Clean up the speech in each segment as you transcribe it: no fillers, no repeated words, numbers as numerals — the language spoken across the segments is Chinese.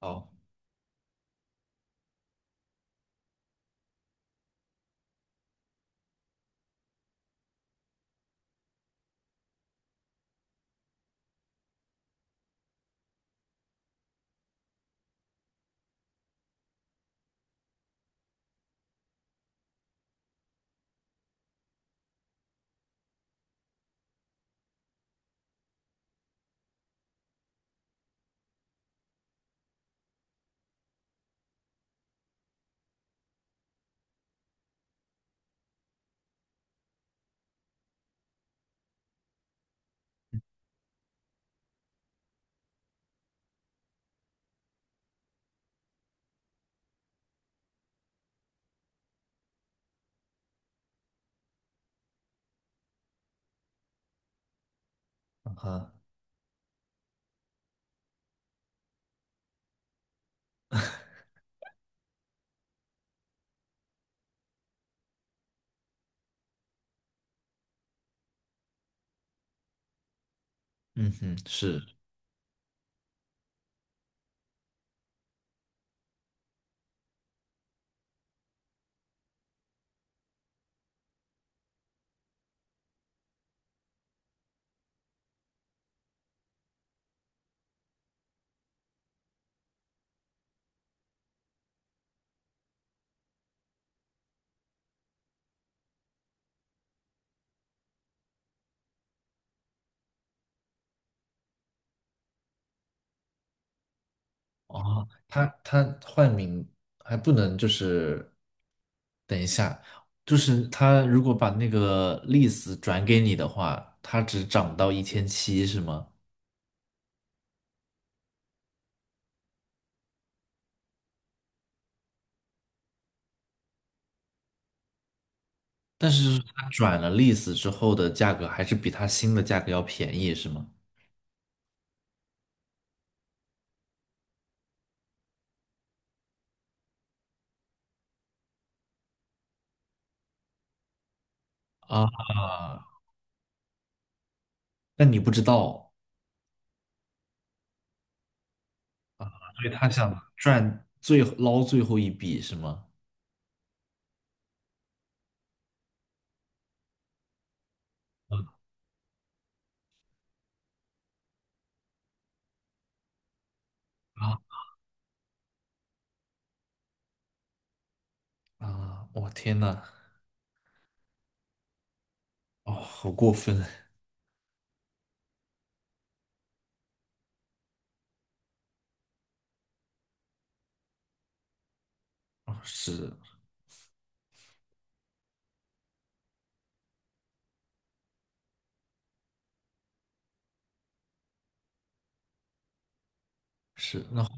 哦，啊，嗯哼，是哦，他换名还不能等一下，就是他如果把那个 list 转给你的话，他只涨到一千七是吗？但是他转了 list 之后的价格还是比他新的价格要便宜是吗？啊，那你不知道，所以他想赚最捞最后一笔是吗？嗯啊啊！我天呐，哦，好过分！哦是是，那好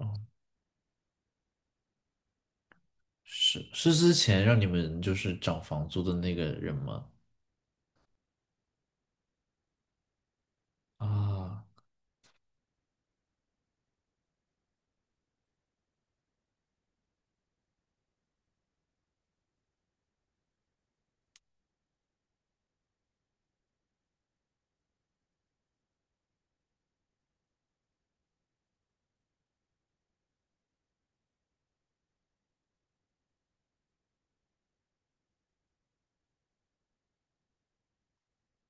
哦是是之前让你们就是涨房租的那个人吗？啊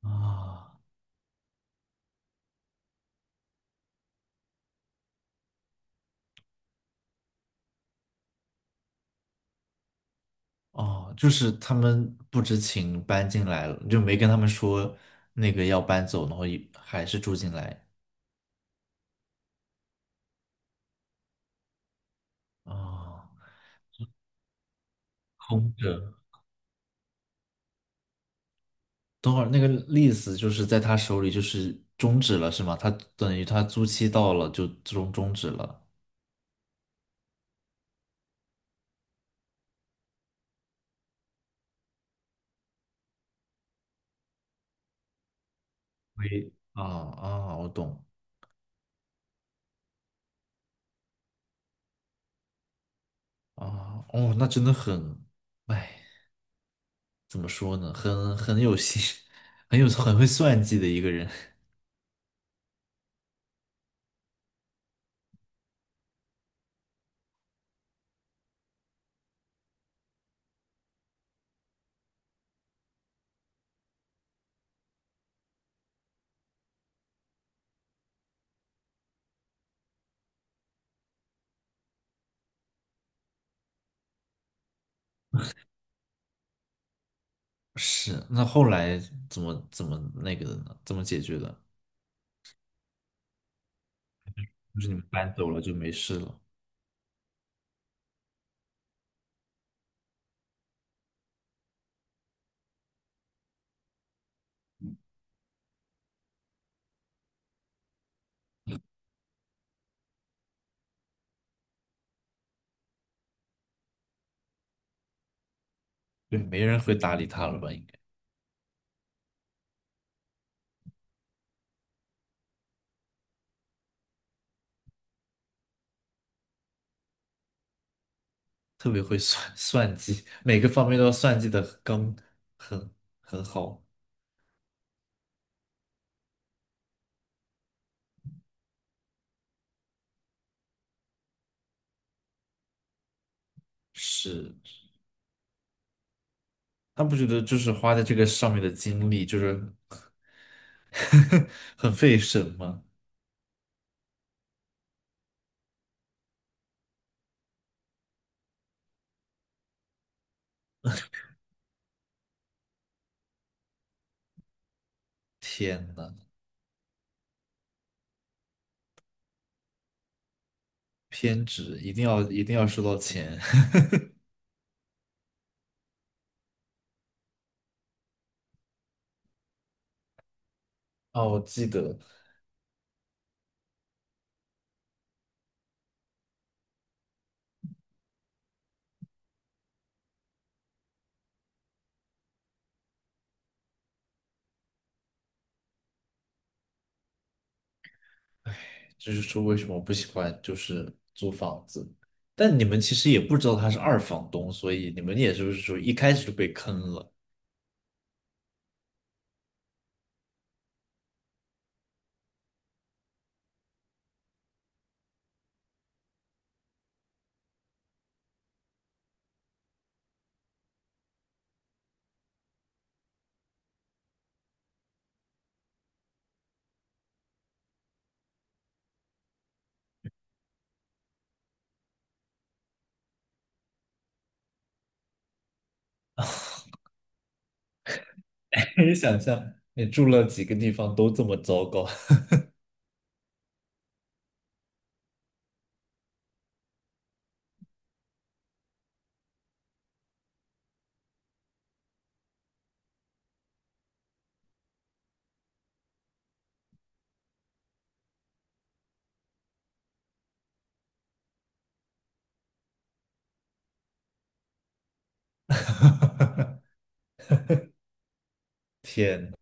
啊哦，就是他们不知情搬进来了，就没跟他们说那个要搬走，然后一还是住进来啊，空着。等会儿那个 l e 就是在他手里就是终止了是吗？他等于他租期到了就终止了。喂，啊啊，我懂啊，哦，那真的很，哎。怎么说呢，很有心，很有很会算计的一个人。是，那后来怎么那个的呢？怎么解决的？就是你们搬走了就没事了，对，没人会搭理他了吧？应该特别会算 算计，每个方面都要算计的刚很很好。是，他不觉得就是花在这个上面的精力就是 很费神吗？天呐，偏执，一定要收到钱。哦，我记得这就是说，为什么我不喜欢就是租房子。但你们其实也不知道他是二房东，所以你们也是不是说一开始就被坑了？可以想象，你住了几个地方都这么糟糕，天，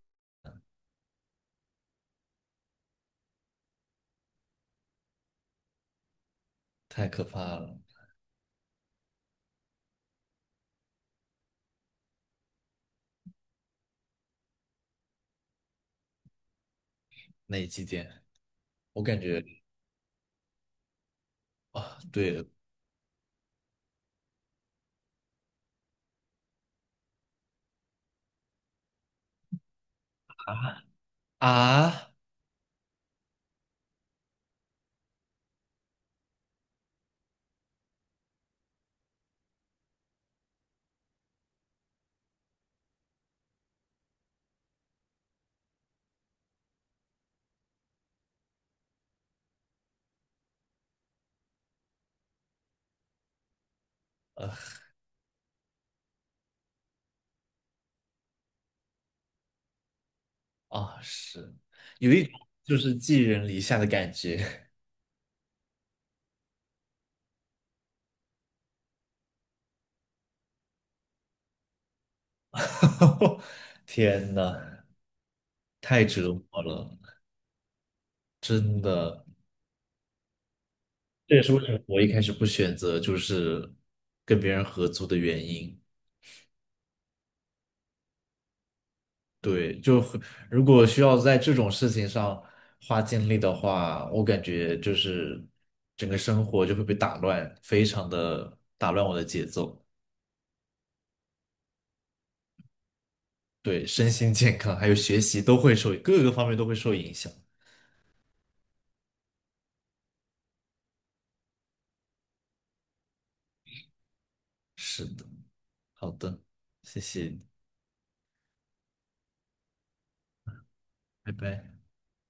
太可怕了！那几期间我感觉啊，对了啊啊啊，是有一种就是寄人篱下的感觉。天呐，太折磨了，真的。这也是为什么我一开始不选择就是跟别人合租的原因。对，就很如果需要在这种事情上花精力的话，我感觉就是整个生活就会被打乱，非常的打乱我的节奏。对，身心健康还有学习都会受，各个方面都会受影响。是的，好的，谢谢你拜拜。